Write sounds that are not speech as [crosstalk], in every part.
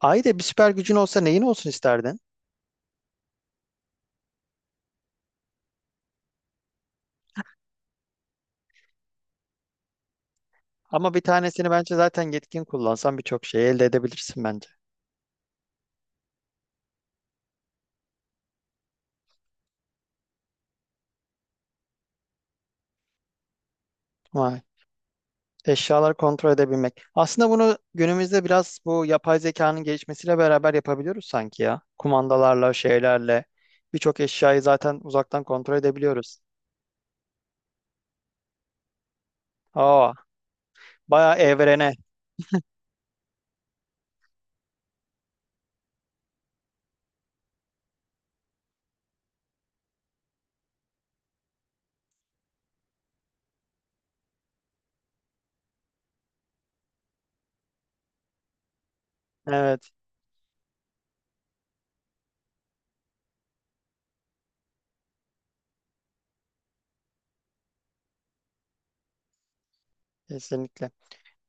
Ayda bir süper gücün olsa neyin olsun isterdin? Ama bir tanesini bence zaten yetkin kullansan birçok şeyi elde edebilirsin bence. Vay. Eşyaları kontrol edebilmek. Aslında bunu günümüzde biraz bu yapay zekanın gelişmesiyle beraber yapabiliyoruz sanki ya. Kumandalarla, şeylerle birçok eşyayı zaten uzaktan kontrol edebiliyoruz. Aa, bayağı evrene. Evet, kesinlikle.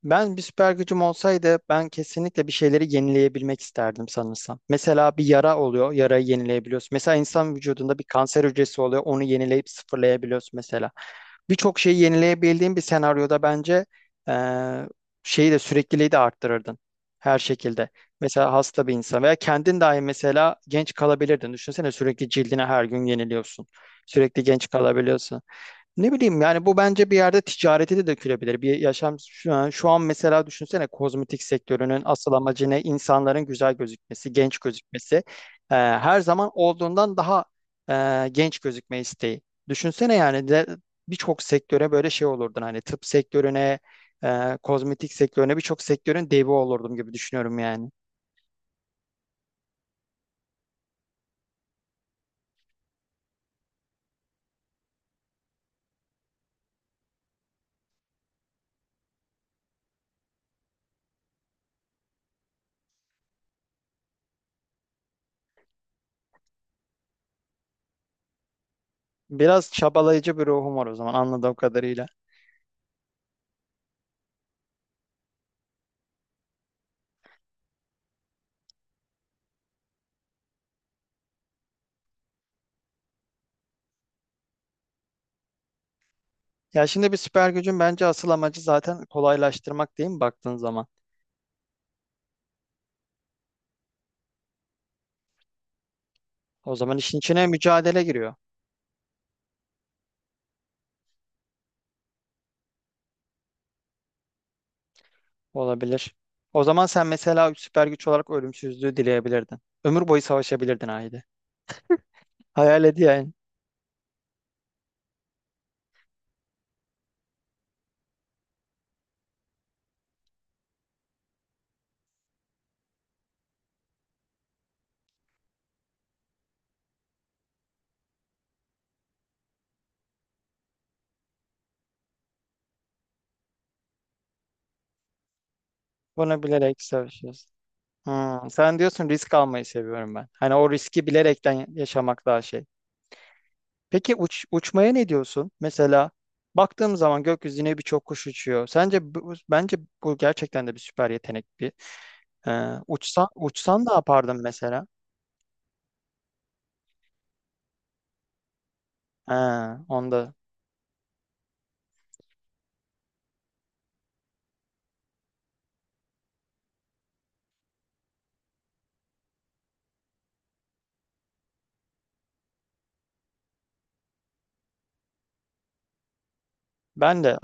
Ben bir süper gücüm olsaydı ben kesinlikle bir şeyleri yenileyebilmek isterdim sanırsam. Mesela bir yara oluyor, yarayı yenileyebiliyorsun. Mesela insan vücudunda bir kanser hücresi oluyor, onu yenileyip sıfırlayabiliyorsun mesela. Birçok şeyi yenileyebildiğin bir senaryoda bence eee, şeyi de sürekliliği de arttırırdın her şekilde. Mesela hasta bir insan veya kendin dahi mesela genç kalabilirdin. Düşünsene sürekli cildini her gün yeniliyorsun. Sürekli genç kalabiliyorsun. Ne bileyim yani bu bence bir yerde ticarete de dökülebilir. Bir yaşam şu an mesela düşünsene kozmetik sektörünün asıl amacı ne? İnsanların güzel gözükmesi, genç gözükmesi. Her zaman olduğundan daha genç gözükme isteği. Düşünsene yani de birçok sektöre böyle şey olurdun hani tıp sektörüne, kozmetik sektörüne birçok sektörün devi olurdum gibi düşünüyorum yani. Biraz çabalayıcı bir ruhum var o zaman anladığım kadarıyla. Ya şimdi bir süper gücün bence asıl amacı zaten kolaylaştırmak değil mi baktığın zaman? O zaman işin içine mücadele giriyor. Olabilir. O zaman sen mesela süper güç olarak ölümsüzlüğü dileyebilirdin. Ömür boyu savaşabilirdin haydi. Hayal et yani. Bunu bilerek savaşıyorsun. Hmm, sen diyorsun risk almayı seviyorum ben. Hani o riski bilerekten yaşamak daha şey. Peki uçmaya ne diyorsun? Mesela baktığım zaman gökyüzüne birçok kuş uçuyor. Sence bence bu gerçekten de bir süper yetenek bir. Uçsan uçsan ne yapardın mesela? Ha, onda. Ben de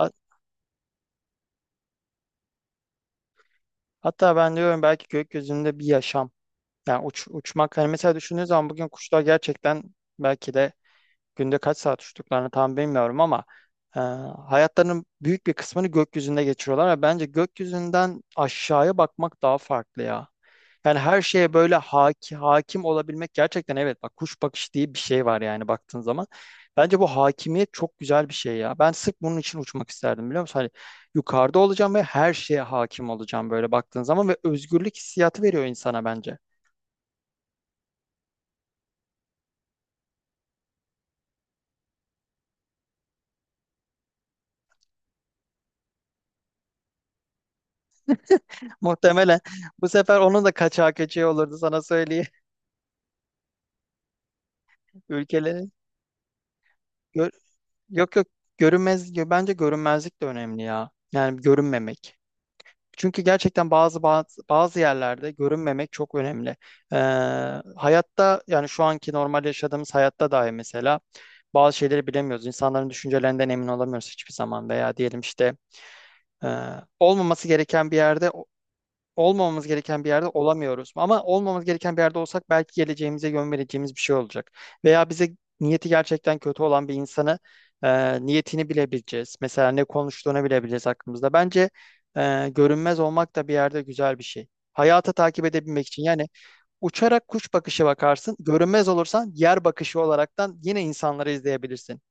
hatta ben diyorum belki gökyüzünde bir yaşam. Yani uçmak hani mesela düşündüğün zaman bugün kuşlar gerçekten belki de günde kaç saat uçtuklarını tam bilmiyorum ama e, hayatlarının büyük bir kısmını gökyüzünde geçiriyorlar ve bence gökyüzünden aşağıya bakmak daha farklı ya. Yani her şeye böyle hakim olabilmek gerçekten evet bak kuş bakışı diye bir şey var yani baktığın zaman. Bence bu hakimiyet çok güzel bir şey ya. Ben sırf bunun için uçmak isterdim biliyor musun? Hani yukarıda olacağım ve her şeye hakim olacağım böyle baktığın zaman ve özgürlük hissiyatı veriyor insana bence. [laughs] Muhtemelen bu sefer onun da kaçağı köçeği olurdu sana söyleyeyim. [laughs] Ülkelerin gö- yok, yok, görünmez, bence görünmezlik de önemli ya. Yani görünmemek. Çünkü gerçekten bazı yerlerde görünmemek çok önemli. Ee, Hayatta yani şu anki normal yaşadığımız hayatta dahi mesela bazı şeyleri bilemiyoruz. İnsanların düşüncelerinden emin olamıyoruz hiçbir zaman veya diyelim işte e, olmaması gereken bir yerde olmamamız gereken bir yerde olamıyoruz. Ama olmamamız gereken bir yerde olsak belki geleceğimize yön vereceğimiz bir şey olacak. Veya bize niyeti gerçekten kötü olan bir insanı niyetini bilebileceğiz. Mesela ne konuştuğunu bilebileceğiz hakkımızda. Bence görünmez olmak da bir yerde güzel bir şey. Hayata takip edebilmek için yani uçarak kuş bakışı bakarsın, görünmez olursan yer bakışı olaraktan yine insanları izleyebilirsin.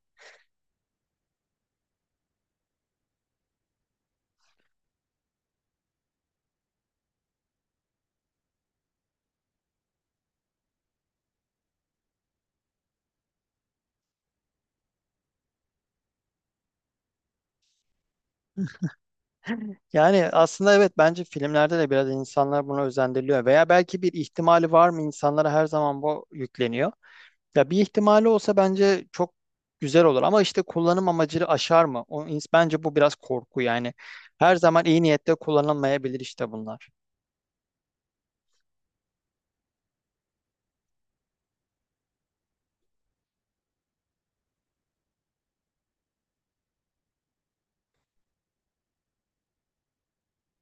Yani aslında evet bence filmlerde de biraz insanlar buna özendiriyor veya belki bir ihtimali var mı insanlara her zaman bu yükleniyor. Ya bir ihtimali olsa bence çok güzel olur ama işte kullanım amacını aşar mı? O, bence bu biraz korku yani. Her zaman iyi niyetle kullanılmayabilir işte bunlar.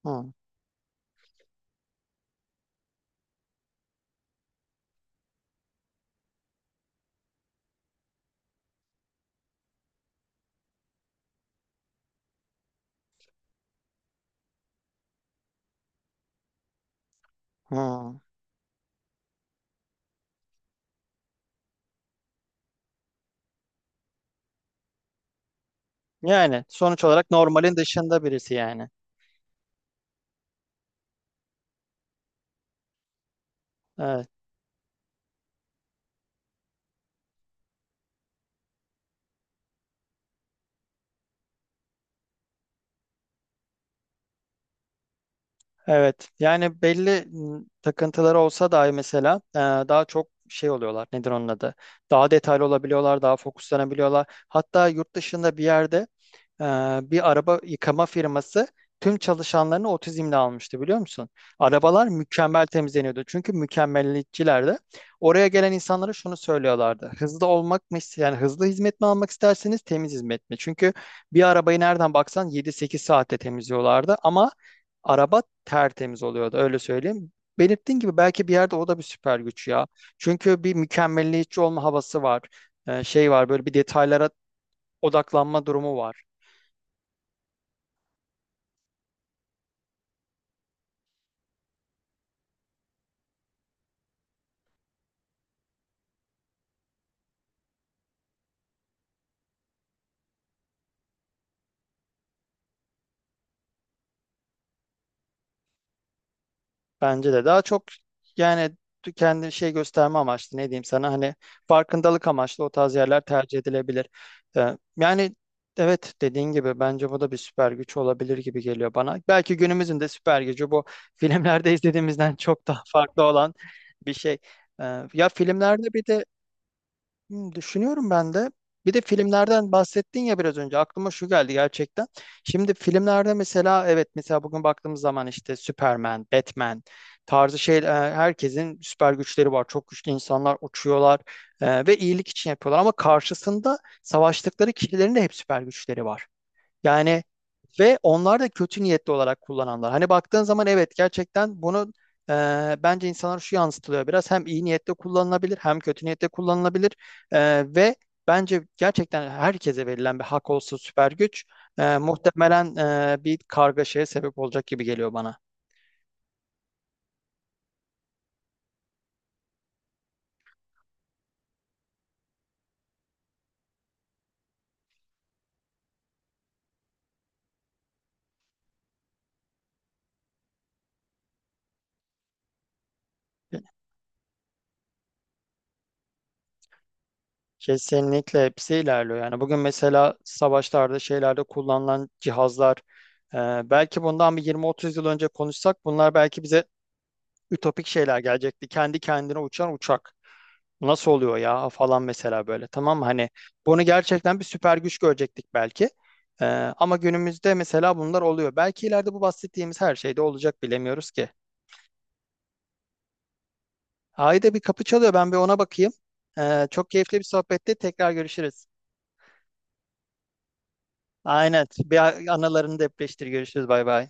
Hı, hı. Yani sonuç olarak normalin dışında birisi yani. Evet. Evet yani belli takıntıları olsa dahi mesela daha çok şey oluyorlar nedir onun adı, daha detaylı olabiliyorlar, daha fokuslanabiliyorlar, hatta yurt dışında bir yerde e, bir araba yıkama firması tüm çalışanlarını otizmle almıştı biliyor musun? Arabalar mükemmel temizleniyordu çünkü mükemmeliyetçilerdi. Oraya gelen insanlara şunu söylüyorlardı: hızlı olmak mı yani hızlı hizmet mi almak isterseniz temiz hizmet mi? Çünkü bir arabayı nereden baksan 7-8 saatte temizliyorlardı ama araba tertemiz oluyordu öyle söyleyeyim. Belirttiğin gibi belki bir yerde o da bir süper güç ya. Çünkü bir mükemmelliyetçi olma havası var. Şey var böyle bir detaylara odaklanma durumu var. Bence de daha çok yani kendi şey gösterme amaçlı ne diyeyim sana hani farkındalık amaçlı o tarz yerler tercih edilebilir. Yani evet dediğin gibi bence bu da bir süper güç olabilir gibi geliyor bana. Belki günümüzün de süper gücü bu, [laughs] filmlerde izlediğimizden çok daha farklı olan bir şey. Ee, Ya filmlerde bir de hmm, düşünüyorum ben de. Bir de filmlerden bahsettin ya biraz önce aklıma şu geldi gerçekten. Şimdi filmlerde mesela evet mesela bugün baktığımız zaman işte Superman, Batman tarzı şey, herkesin süper güçleri var. Çok güçlü insanlar uçuyorlar ve iyilik için yapıyorlar ama karşısında savaştıkları kişilerin de hep süper güçleri var. Yani ve onlar da kötü niyetli olarak kullananlar. Hani baktığın zaman evet gerçekten bunu e, bence insanlar şu yansıtılıyor biraz. Hem iyi niyetle kullanılabilir hem kötü niyetle kullanılabilir. E, Ve bence gerçekten herkese verilen bir hak olsa süper güç muhtemelen bir kargaşaya sebep olacak gibi geliyor bana. Kesinlikle hepsi ilerliyor. Yani bugün mesela savaşlarda şeylerde kullanılan cihazlar, e, belki bundan bir 20-30 yıl önce konuşsak bunlar belki bize ütopik şeyler gelecekti. Kendi kendine uçan uçak. Nasıl oluyor ya falan mesela böyle, tamam mı? Hani bunu gerçekten bir süper güç görecektik belki. Ee, Ama günümüzde mesela bunlar oluyor. Belki ileride bu bahsettiğimiz her şeyde olacak, bilemiyoruz ki. Ayda bir kapı çalıyor, ben bir ona bakayım. Çok keyifli bir sohbetti, tekrar görüşürüz. Aynen, bir anılarını depreştir, görüşürüz, bay bay.